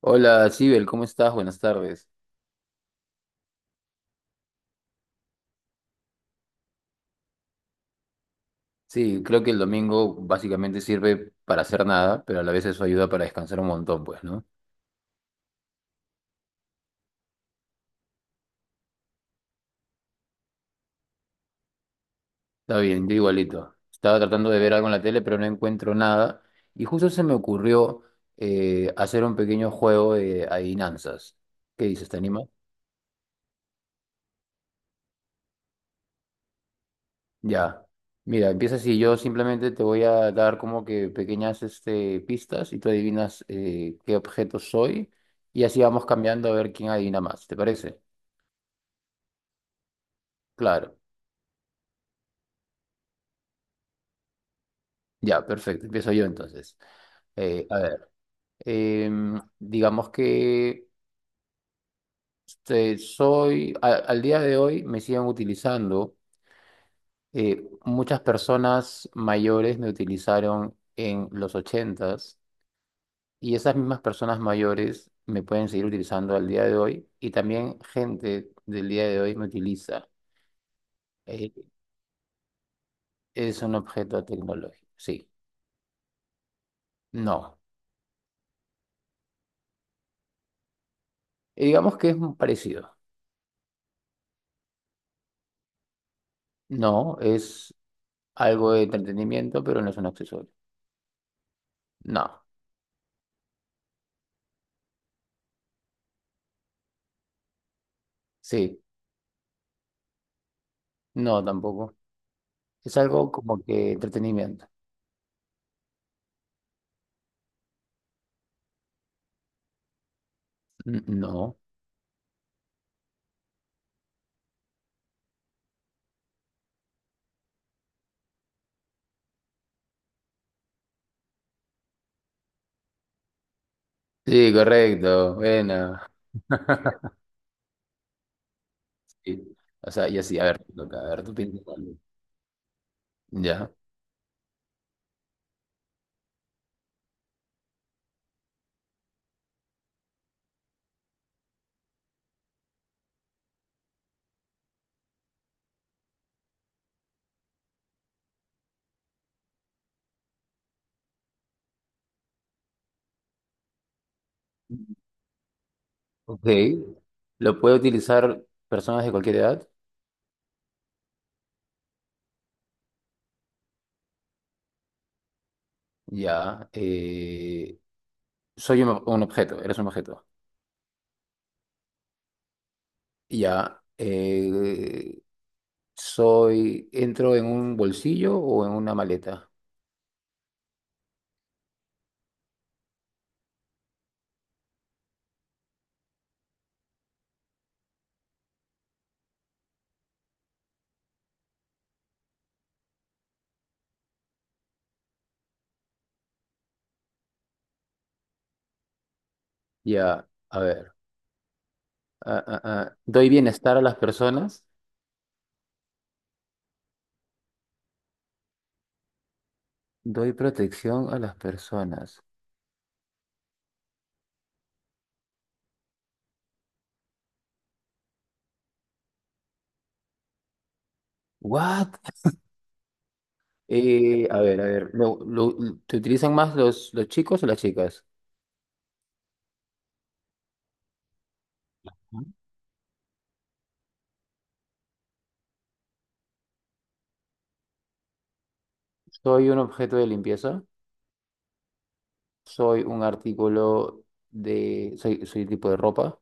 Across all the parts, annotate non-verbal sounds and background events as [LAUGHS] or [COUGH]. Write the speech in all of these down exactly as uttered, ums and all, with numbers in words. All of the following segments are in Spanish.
Hola, Sibel, ¿cómo estás? Buenas tardes. Sí, creo que el domingo básicamente sirve para hacer nada, pero a la vez eso ayuda para descansar un montón, pues, ¿no? Está bien, yo igualito. Estaba tratando de ver algo en la tele, pero no encuentro nada. Y justo se me ocurrió eh, hacer un pequeño juego de adivinanzas. ¿Qué dices? ¿Te animas? Ya. Mira, empieza así. Yo simplemente te voy a dar como que pequeñas este, pistas y tú adivinas eh, qué objeto soy. Y así vamos cambiando a ver quién adivina más. ¿Te parece? Claro. Ya, perfecto. Empiezo yo entonces. Eh, a ver, em, digamos que este, soy, a- al día de hoy me siguen utilizando, eh, muchas personas mayores me utilizaron en los ochentas y esas mismas personas mayores me pueden seguir utilizando al día de hoy y también gente del día de hoy me utiliza. Eh, es un objeto tecnológico, sí. No. Eh, digamos que es parecido. No, es algo de entretenimiento, pero no es un accesorio. No, sí, no tampoco. Es algo como que entretenimiento. N- No. Sí, correcto, bueno. [LAUGHS] Sí. O sea, y así, a ver, te toca, a ver, tú piensas algo. Ya. Ok. ¿Lo puede utilizar personas de cualquier edad? Ya. Eh, soy un, un objeto, eres un objeto. Ya. Eh, soy, entro en un bolsillo o en una maleta. Ya. A ver. ah, ah, ah, ¿Doy bienestar a las personas? Doy protección a las personas. What? Eh, a ver, a ver. lo- lo- ¿te utilizan más los, los chicos o las chicas? Ujú. Soy un objeto de limpieza. Soy un artículo de. Soy, soy tipo de ropa.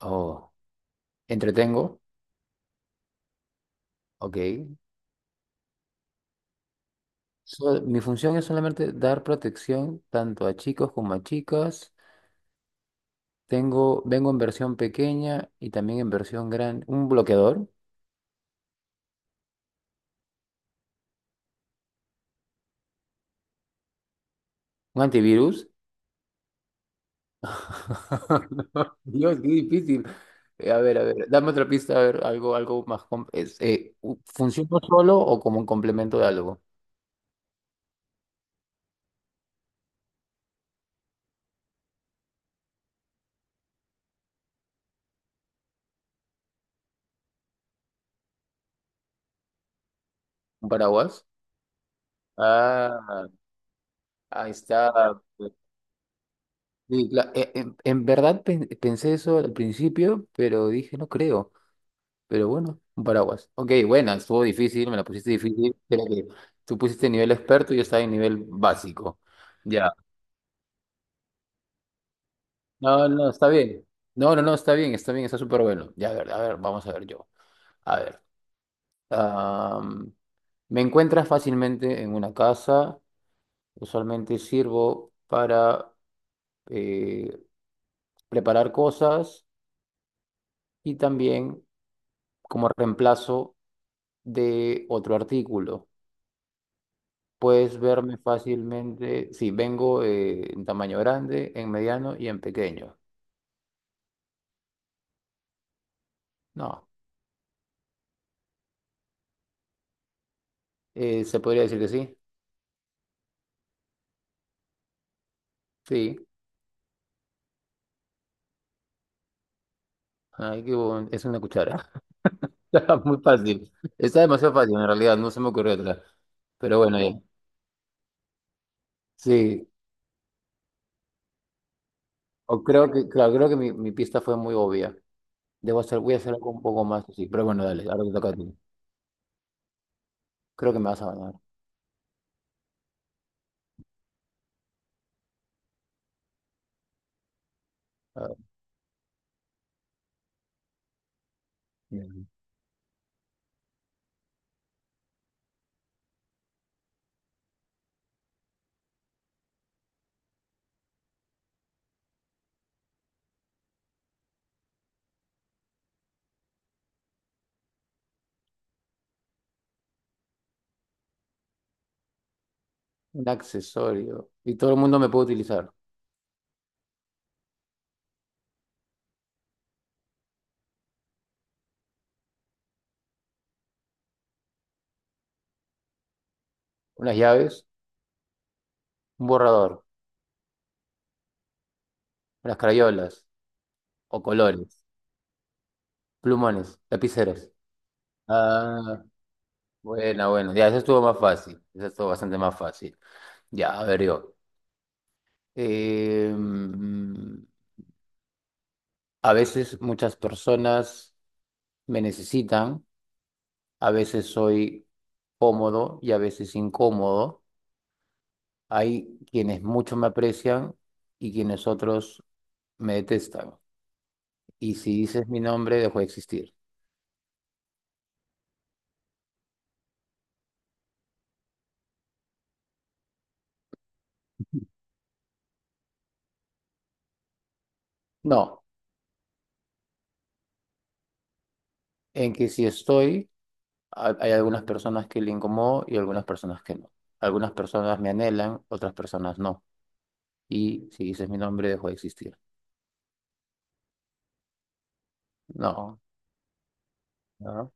Oh. Entretengo. Ok. So- mi función es solamente dar protección tanto a chicos como a chicas. Tengo, vengo en versión pequeña y también en versión grande. Un bloqueador, un antivirus. [LAUGHS] Dios, qué difícil. Eh, a ver, a ver, dame otra pista, a ver, algo, algo más. com- es, eh, u- ¿funciona solo o como un complemento de algo? ¿Un paraguas? Ah, ahí está. Pues. Sí, cla- eh, en, en verdad pen- pensé eso al principio, pero dije, no creo. Pero bueno, un paraguas. Ok, buena, estuvo difícil, me la pusiste difícil. Creo que tú pusiste nivel experto y yo estaba en nivel básico. Ya. No, no, no, está bien. No, no, no, está bien, está bien, está súper bueno. Ya, a ver, a ver, vamos a ver yo. A ver. am, me encuentras fácilmente en una casa. Usualmente sirvo para eh, preparar cosas y también como reemplazo de otro artículo. Puedes verme fácilmente. Sí, vengo eh, en tamaño grande, en mediano y en pequeño. No, eh, se podría decir que sí. Sí. Ay, qué bon- Es una cuchara. [LAUGHS] Muy fácil. Está demasiado fácil en realidad, no se me ocurrió otra. Pero bueno, ya. Sí, o creo que, claro, creo que mi, mi pista fue muy obvia. Debo hacer, voy a hacer algo un poco más así. Pero bueno, dale, ahora te toca a ti. Creo que me vas a ganar. A ver, bien. Un accesorio. Y todo el mundo me puede utilizar. Unas llaves, un borrador, unas crayolas, o colores, plumones, lapiceros. Ah, bueno, bueno. Ya, eso estuvo más fácil. Eso estuvo bastante más fácil. Ya, a ver yo. Eh, A veces muchas personas me necesitan, a veces soy cómodo y a veces incómodo. Hay quienes mucho me aprecian y quienes otros me detestan. Y si dices mi nombre, dejo de existir. No, en que si estoy, ha- hay algunas personas que le incomodo y algunas personas que no. Algunas personas me anhelan, otras personas no. Y si dices mi nombre, dejo de existir. No, no,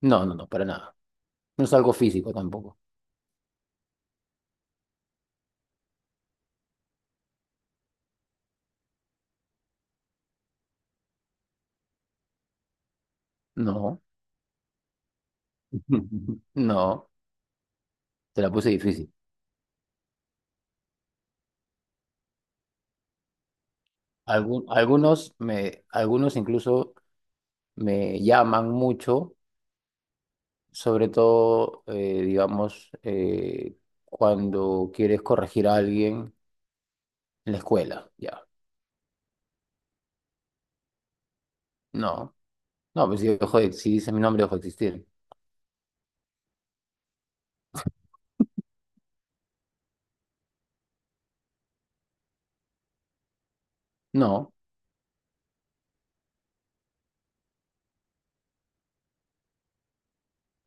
no, no, no, para nada. No es algo físico tampoco. No. [LAUGHS] No, te la puse difícil. Algun- algunos me, algunos incluso me llaman mucho, sobre todo, eh, digamos, eh, cuando quieres corregir a alguien en la escuela, ya. No, no, pues si, dejo de- si dices mi nombre, dejo de existir. No,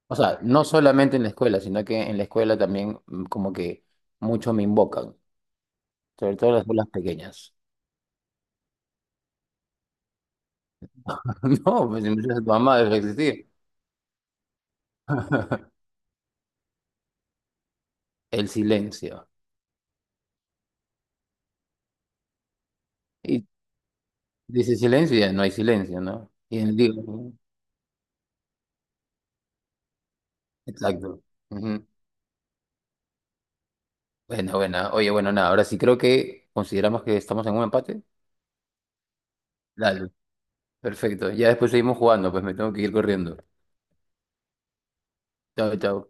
o sea, no solamente en la escuela, sino que en la escuela también mm, como que mucho me invocan, sobre todo en las escuelas pequeñas. [LAUGHS] No, pues si me dices tu mamá, dejo de existir. [LAUGHS] El silencio. Dice silencio y ya no hay silencio, ¿no? Y en- digo, ¿no? Exacto. Ujú. Bueno, bueno. Oye, bueno, nada. Ahora sí creo que consideramos que estamos en un empate. Dale. Perfecto. Ya después seguimos jugando, pues me tengo que ir corriendo. Chao, chao.